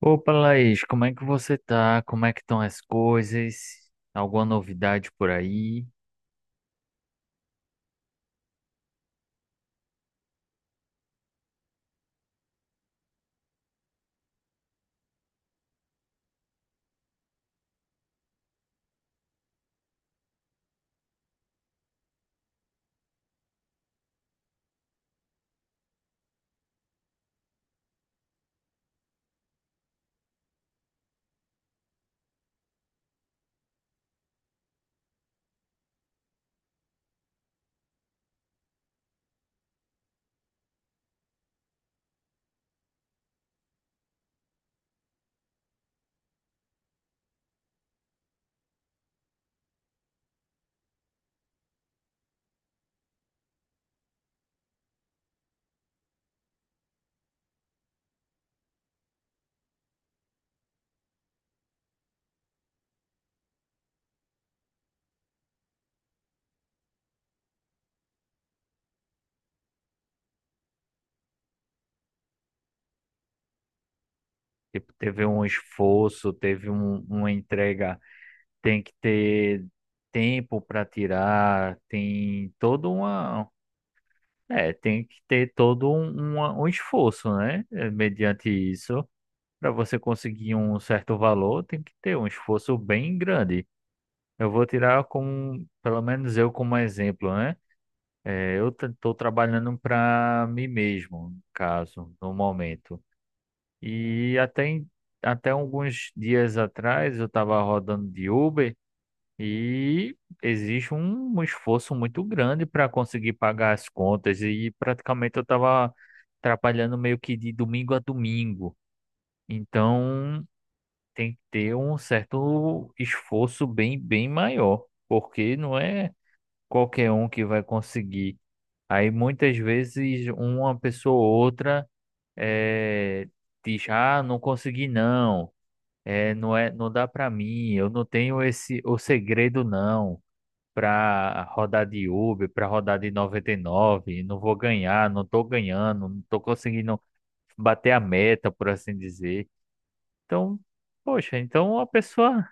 Opa, Laís, como é que você tá? Como é que estão as coisas? Alguma novidade por aí? Tipo, teve um esforço, teve uma entrega, tem que ter tempo para tirar, tem toda uma, tem que ter todo um esforço, né? Mediante isso, para você conseguir um certo valor, tem que ter um esforço bem grande. Eu vou tirar como, pelo menos eu como exemplo, né? Eu estou trabalhando para mim mesmo, no caso, no momento. E até alguns dias atrás eu estava rodando de Uber e existe um esforço muito grande para conseguir pagar as contas e praticamente eu estava trabalhando meio que de domingo a domingo. Então tem que ter um certo esforço bem maior, porque não é qualquer um que vai conseguir. Aí muitas vezes uma pessoa ou outra eh, diz, ah, não consegui não, não dá para mim, eu não tenho esse o segredo não para rodar de Uber, para rodar de 99 não vou ganhar, não tô ganhando, não tô conseguindo bater a meta, por assim dizer. Então, poxa, então a pessoa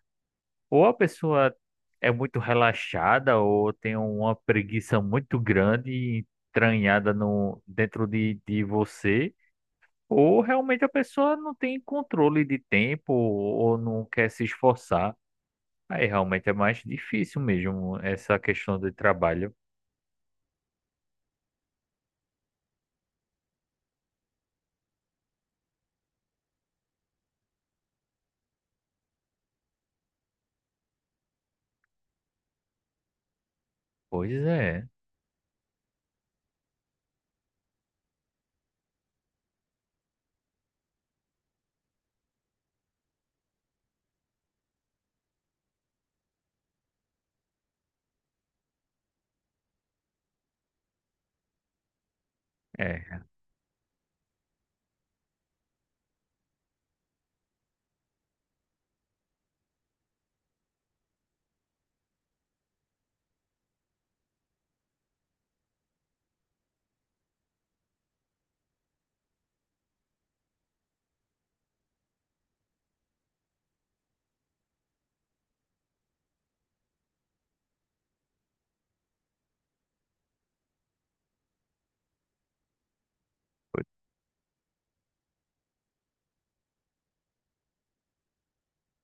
ou a pessoa é muito relaxada, ou tem uma preguiça muito grande e entranhada no, dentro de você, ou realmente a pessoa não tem controle de tempo ou não quer se esforçar. Aí realmente é mais difícil mesmo essa questão do trabalho. Pois é, é.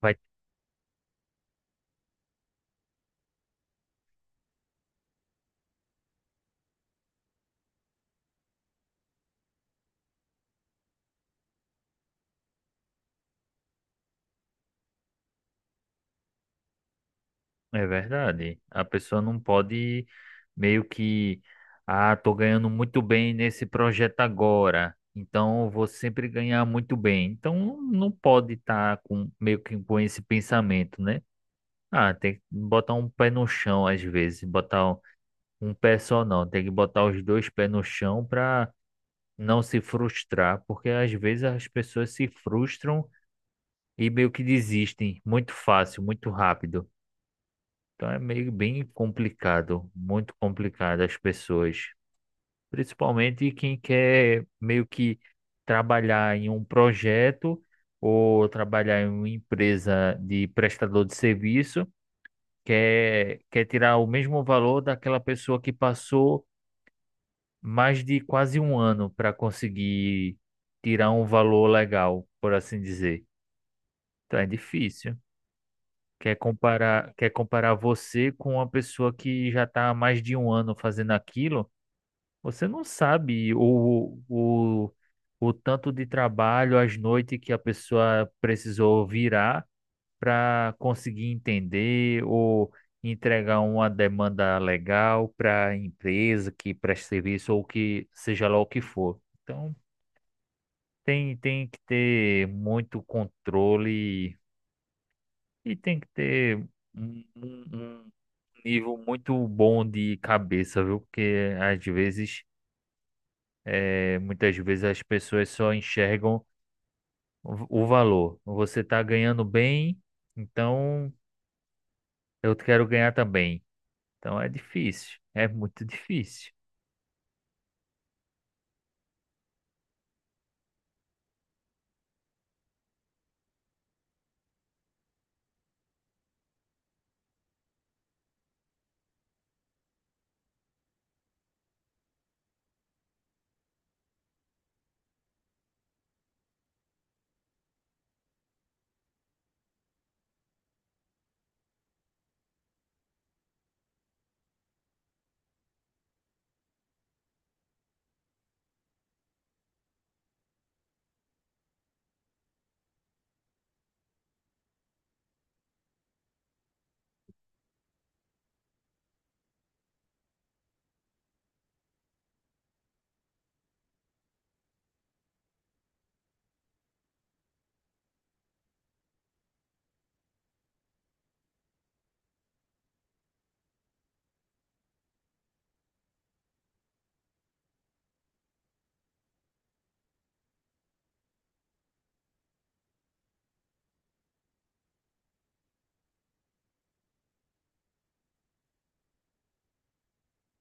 Vai É verdade. A pessoa não pode meio que, ah, tô ganhando muito bem nesse projeto agora, então eu vou sempre ganhar muito bem. Então não pode estar com meio que com esse pensamento, né? Ah, tem que botar um pé no chão às vezes, botar um pé só não, tem que botar os dois pés no chão para não se frustrar, porque às vezes as pessoas se frustram e meio que desistem muito fácil, muito rápido. Então é meio bem complicado, muito complicado as pessoas, principalmente quem quer meio que trabalhar em um projeto ou trabalhar em uma empresa de prestador de serviço, quer tirar o mesmo valor daquela pessoa que passou mais de quase um ano para conseguir tirar um valor legal, por assim dizer. Então é difícil. Quer comparar você com uma pessoa que já está há mais de um ano fazendo aquilo? Você não sabe o tanto de trabalho, as noites que a pessoa precisou virar para conseguir entender ou entregar uma demanda legal para a empresa que presta serviço ou que seja lá o que for. Então, tem que ter muito controle. E tem que ter um nível muito bom de cabeça, viu? Porque às vezes, muitas vezes as pessoas só enxergam o valor. Você está ganhando bem, então eu quero ganhar também. Então é difícil, é muito difícil.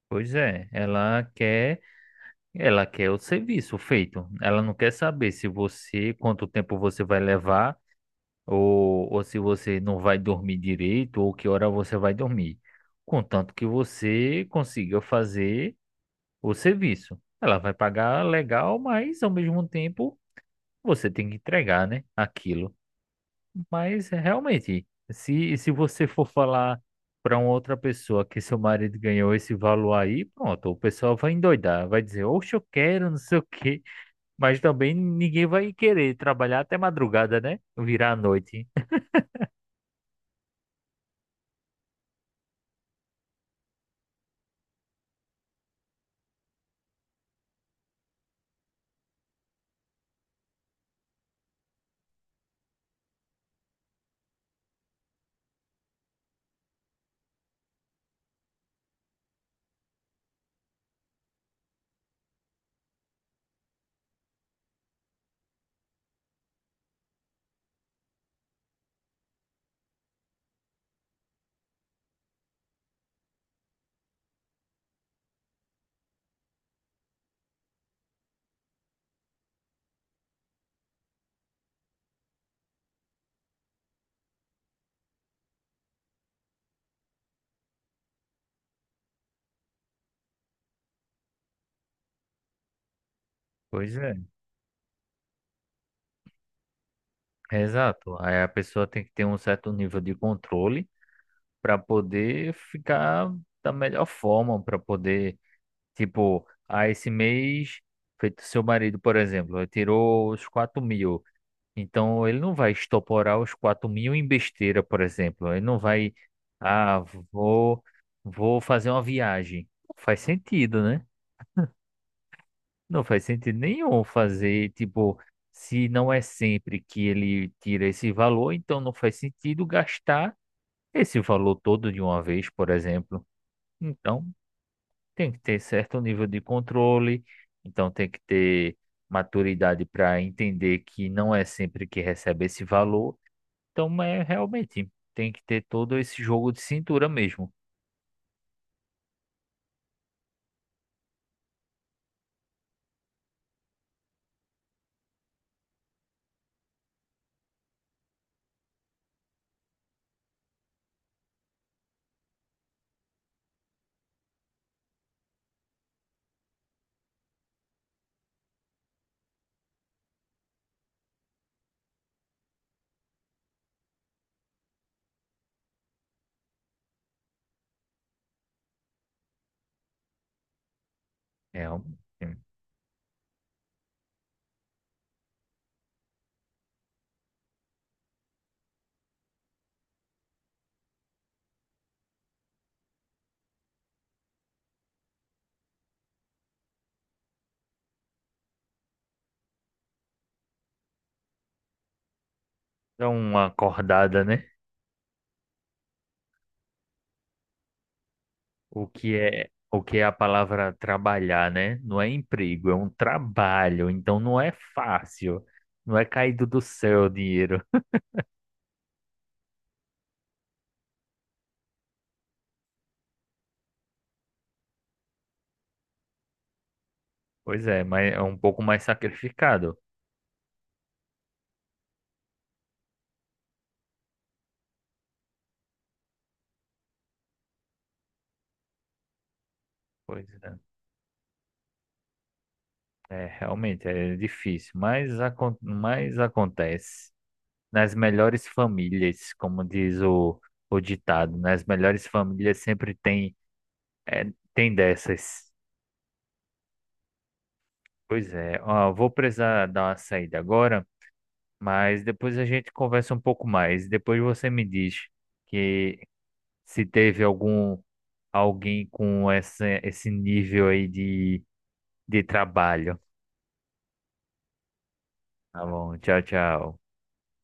Pois é, ela quer o serviço feito. Ela não quer saber se você, quanto tempo você vai levar, ou se você não vai dormir direito, ou que hora você vai dormir. Contanto que você consiga fazer o serviço. Ela vai pagar legal, mas ao mesmo tempo você tem que entregar, né, aquilo. Mas realmente, se você for falar para uma outra pessoa que seu marido ganhou esse valor aí, pronto, o pessoal vai endoidar, vai dizer, oxe, eu quero, não sei o quê. Mas também ninguém vai querer trabalhar até madrugada, né? Virar a noite. Pois é. Exato. Aí a pessoa tem que ter um certo nível de controle para poder ficar da melhor forma, para poder, tipo, ah, esse mês, feito seu marido, por exemplo, ele tirou os 4.000. Então ele não vai estoporar os 4.000 em besteira, por exemplo. Ele não vai, ah, vou, vou fazer uma viagem. Não faz sentido, né? Não faz sentido nenhum fazer, tipo, se não é sempre que ele tira esse valor, então não faz sentido gastar esse valor todo de uma vez, por exemplo. Então, tem que ter certo nível de controle, então tem que ter maturidade para entender que não é sempre que recebe esse valor. Então, é realmente, tem que ter todo esse jogo de cintura mesmo. É, um- é uma acordada, né? O que é a palavra trabalhar, né? Não é emprego, é um trabalho, então não é fácil. Não é caído do céu o dinheiro. Pois é, mas é um pouco mais sacrificado. Pois é, realmente é difícil, mas, acon mas acontece. Nas melhores famílias, como diz o ditado, nas melhores famílias sempre tem, é, tem dessas. Pois é, ó, vou precisar dar uma saída agora. Mas depois a gente conversa um pouco mais. Depois você me diz que se teve algum alguém com esse nível aí de trabalho. Tá bom, tchau, tchau.